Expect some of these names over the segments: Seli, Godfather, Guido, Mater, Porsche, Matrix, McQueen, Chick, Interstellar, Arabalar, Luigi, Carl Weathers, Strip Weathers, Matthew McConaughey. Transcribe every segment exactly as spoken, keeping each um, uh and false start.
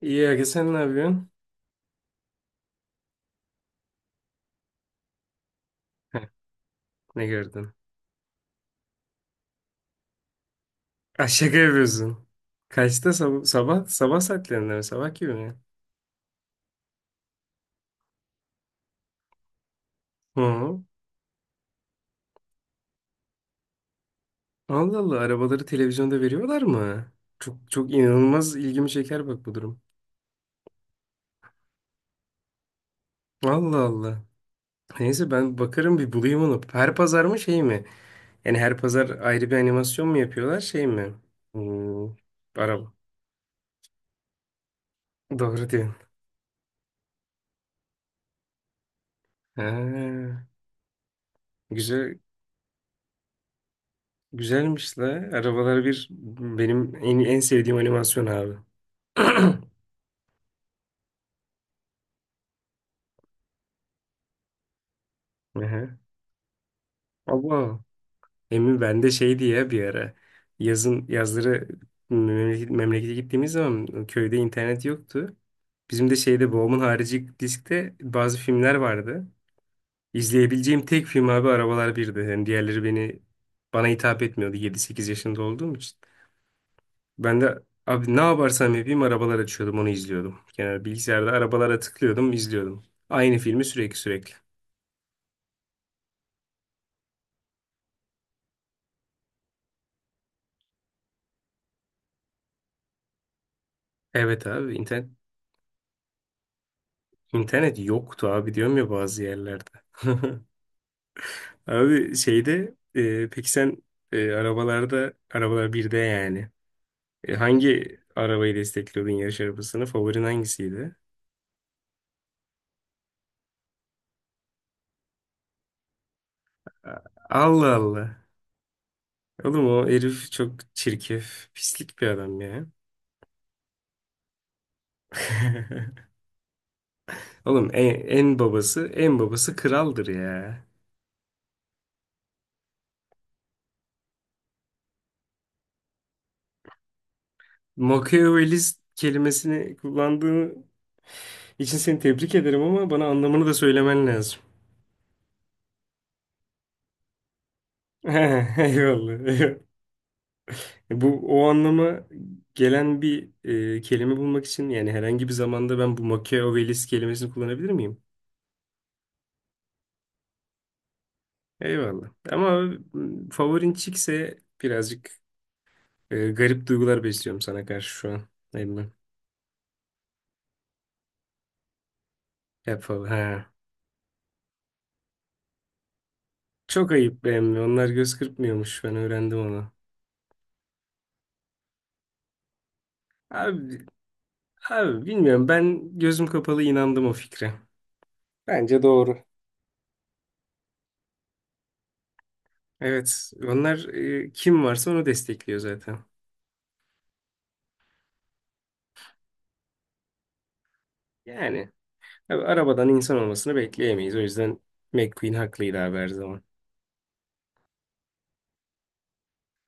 İyi Aga, sen ne yapıyorsun? Heh, ne gördün? Ah, şaka yapıyorsun. Kaçta sab- sabah? Sabah saatlerinde mi? Sabah gibi mi? Hı. Allah Allah, arabaları televizyonda veriyorlar mı? Çok çok inanılmaz ilgimi çeker bak bu durum. Allah Allah. Neyse, ben bakarım bir bulayım onu. Her pazar mı şey mi? Yani her pazar ayrı bir animasyon mu yapıyorlar şey mi? Hmm, araba. Doğru diyorsun. Ha, güzel, güzelmiş la. Arabalar Bir benim en, en sevdiğim animasyon abi. Aha. Abo. Emin, ben de şey diye bir ara yazın, yazları memleket, memlekete gittiğimiz zaman köyde internet yoktu. Bizim de şeyde, babamın harici diskte bazı filmler vardı. İzleyebileceğim tek film abi Arabalar Bir'di. Yani diğerleri beni, bana hitap etmiyordu, Yedi sekiz yaşında olduğum için. Ben de abi, ne yaparsam yapayım arabalar açıyordum, onu izliyordum. Genel bilgisayarda arabalara tıklıyordum, izliyordum. Aynı filmi sürekli sürekli. Evet abi, internet İnternet yoktu abi, diyorum ya, bazı yerlerde. Abi şeyde, e, peki sen, e, arabalarda arabalar birde yani, E, hangi arabayı destekliyordun, yarış arabasını? Favorin hangisiydi? A- Allah Allah. Oğlum o herif çok çirkef, pislik bir adam ya. Oğlum en, en babası, en babası kraldır ya. Machiavellist kelimesini kullandığın için seni tebrik ederim ama bana anlamını da söylemen lazım. Eyvallah. E, Bu o anlama gelen bir e, kelime bulmak için, yani herhangi bir zamanda ben bu Machiavellist kelimesini kullanabilir miyim? Eyvallah. Ama m, favorin Chick'se birazcık e, garip duygular besliyorum sana karşı şu an. Emmi. Yap falan. Ha. Çok ayıp be emmi. Onlar göz kırpmıyormuş. Ben öğrendim onu. Abi, abi bilmiyorum. Ben gözüm kapalı inandım o fikre. Bence doğru. Evet. Onlar e, kim varsa onu destekliyor zaten. Yani. Abi, arabadan insan olmasını bekleyemeyiz. O yüzden McQueen haklıydı abi, her zaman.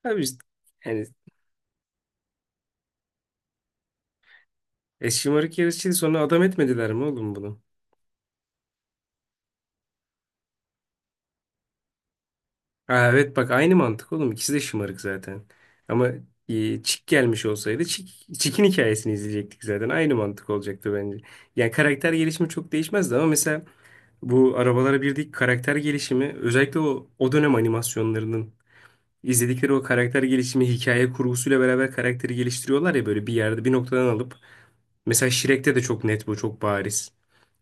Abi biz- yani e, şımarık yarışçıydı, sonra adam etmediler mi oğlum bunu? Aa, evet bak, aynı mantık oğlum. İkisi de şımarık zaten. Ama e, Chick gelmiş olsaydı Chick, Chick'in hikayesini izleyecektik zaten. Aynı mantık olacaktı bence. Yani karakter gelişimi çok değişmezdi ama mesela bu arabalara birdeki karakter gelişimi, özellikle o, o dönem animasyonlarının izledikleri o karakter gelişimi, hikaye kurgusuyla beraber karakteri geliştiriyorlar ya, böyle bir yerde bir noktadan alıp. Mesela Shrek'te de çok net bu, çok bariz.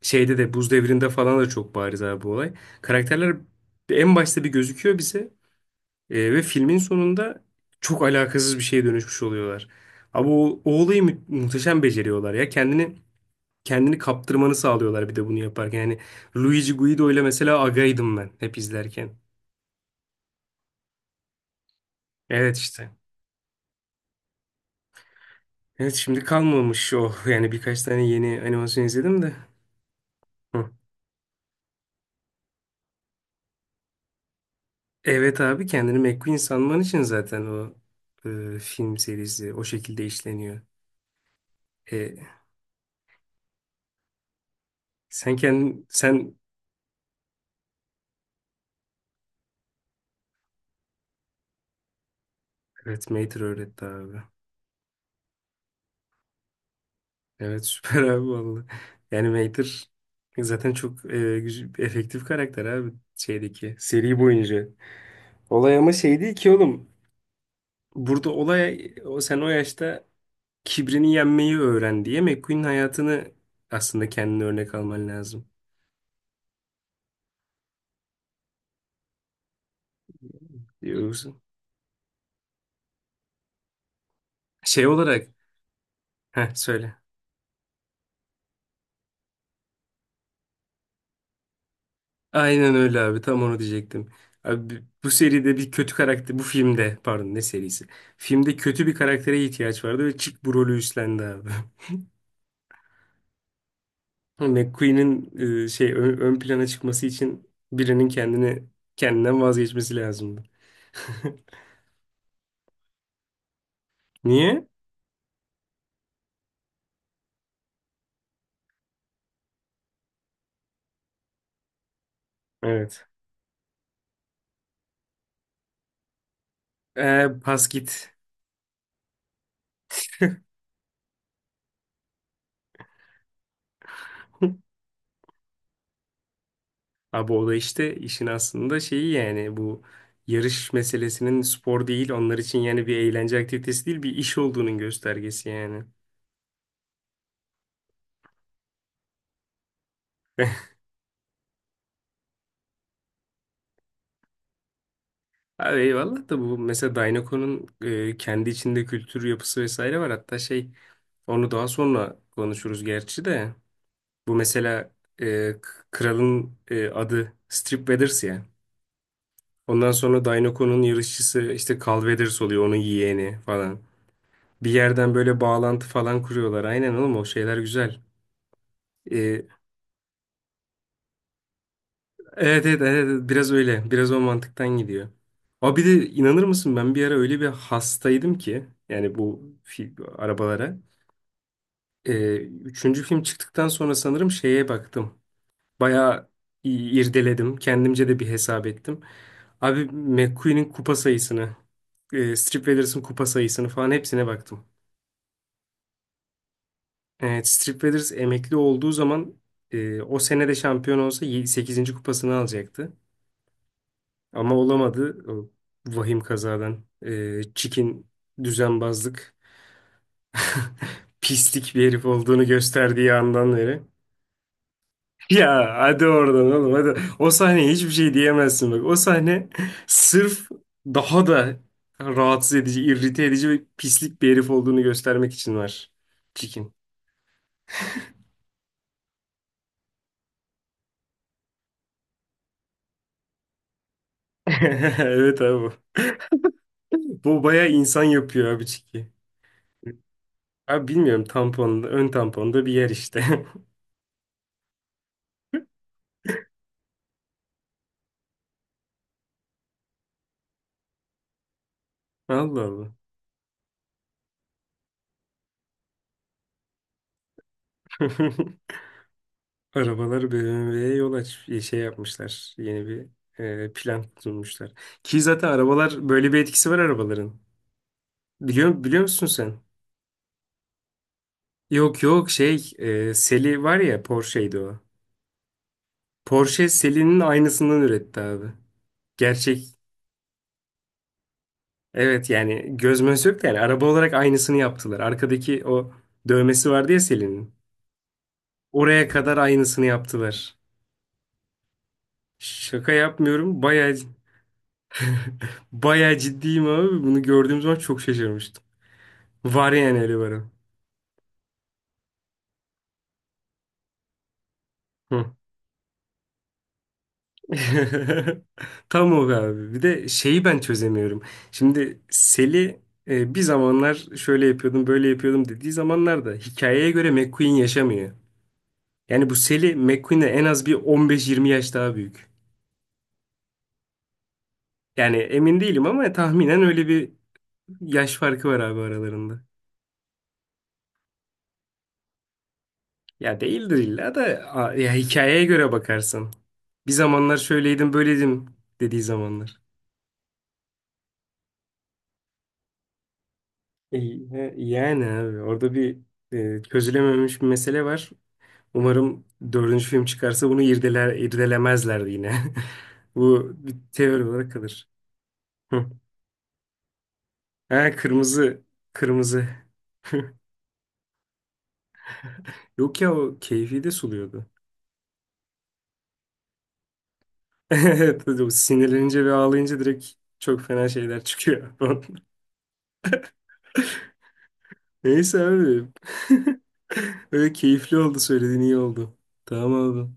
Şeyde de, Buz Devri'nde falan da çok bariz abi bu olay. Karakterler en başta bir gözüküyor bize, e, ve filmin sonunda çok alakasız bir şeye dönüşmüş oluyorlar. Ama o, o olayı mü- muhteşem beceriyorlar ya. Kendini kendini kaptırmanı sağlıyorlar bir de bunu yaparken. Yani Luigi Guido ile mesela agaydım ben hep izlerken. Evet işte. Evet şimdi kalmamış o. Yani birkaç tane yeni animasyon izledim de. Hı. Evet abi, kendini McQueen sanman için zaten o e, film serisi o şekilde işleniyor. E, sen kendin sen, evet, Mater öğretti abi. Evet, süper abi, vallahi. Yani Mater zaten çok e, güzel- efektif karakter abi şeydeki, seri boyunca. Olay ama şey değil ki oğlum. Burada olay, o sen o yaşta kibrini yenmeyi öğren diye McQueen'in hayatını aslında kendine örnek alman lazım. Yoksa şey olarak. Heh, söyle. Aynen öyle abi. Tam onu diyecektim. Abi bu seride bir kötü karakter, bu filmde pardon, ne serisi? Filmde kötü bir karaktere ihtiyaç vardı ve Chick bu rolü üstlendi abi. McQueen'in e, şey ön, ön plana çıkması için birinin kendini kendinden vazgeçmesi lazımdı. Niye? Evet. Ee, pas git. Abi o da işte işin aslında şeyi, yani bu yarış meselesinin spor değil onlar için, yani bir eğlence aktivitesi değil bir iş olduğunun göstergesi yani. Abi eyvallah da, bu mesela Dynaco'nun e, kendi içinde kültür yapısı vesaire var. Hatta şey, onu daha sonra konuşuruz gerçi de. Bu mesela e, k- kralın e, adı Strip Weathers ya. Ondan sonra Dynaco'nun yarışçısı işte Carl Weathers oluyor, onun yeğeni falan. Bir yerden böyle bağlantı falan kuruyorlar. Aynen oğlum, o şeyler güzel. E, evet, evet evet evet, biraz öyle. Biraz o mantıktan gidiyor. Abi bir de inanır mısın, ben bir ara öyle bir hastaydım ki yani, bu fil, arabalara. Ee, üçüncü film çıktıktan sonra sanırım şeye baktım. Bayağı i- irdeledim. Kendimce de bir hesap ettim. Abi McQueen'in kupa sayısını, e, Strip Withers'ın kupa sayısını falan, hepsine baktım. Evet, Strip Withers emekli olduğu zaman, e, o sene de şampiyon olsa ye- sekizinci kupasını alacaktı. Ama olamadı. O vahim kazadan. E, çikin düzenbazlık, pislik bir herif olduğunu gösterdiği andan beri. Ya hadi oradan oğlum, hadi. O sahneye hiçbir şey diyemezsin bak. O sahne sırf daha da rahatsız edici, irrite edici ve pislik bir herif olduğunu göstermek için var. Çikin. Evet abi. Bu bayağı insan yapıyor abi, Çiki. Abi bilmiyorum, tampon, ön tamponda bir yer işte. Allah Allah. Arabalar B M W'ye yol aç e, şey yapmışlar. Yeni bir e, plan sunmuşlar. Ki zaten arabalar böyle bir etkisi var arabaların. Biliyor, biliyor musun sen? Yok yok, şey, e, Seli var ya, Porsche'ydi o. Porsche Seli'nin aynısından üretti abi. Gerçek, evet, yani göz möz yok da, yani araba olarak aynısını yaptılar. Arkadaki o dövmesi vardı ya Seli'nin. Oraya kadar aynısını yaptılar. Şaka yapmıyorum, bayağı bayağı ciddiyim abi. Bunu gördüğüm zaman çok şaşırmıştım. Var yani, öyle var. Tam o abi. Bir de şeyi ben çözemiyorum. Şimdi Sel'i e, bir zamanlar şöyle yapıyordum, böyle yapıyordum dediği zamanlarda hikayeye göre McQueen yaşamıyor. Yani bu Sel'i, McQueen'e en az bir on beş yirmi yaş daha büyük. Yani emin değilim ama tahminen öyle bir yaş farkı var abi aralarında. Ya değildir illa da, a- ya hikayeye göre bakarsan. Bir zamanlar şöyleydim, böyleydim dediği zamanlar. E, he, Yani abi orada bir e, çözülememiş bir mesele var. Umarım dördüncü film çıkarsa bunu irdeler, irdelemezler yine. Bu bir teori olarak kalır. Hı. Ha, kırmızı. Kırmızı. Yok ya, o keyfi de suluyordu. Evet, o sinirlenince ve ağlayınca direkt çok fena şeyler çıkıyor. Neyse abi. Öyle keyifli oldu, söylediğin iyi oldu. Tamam abi.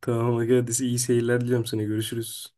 Tamam arkadaşlar, iyi seyirler diliyorum sana. Görüşürüz.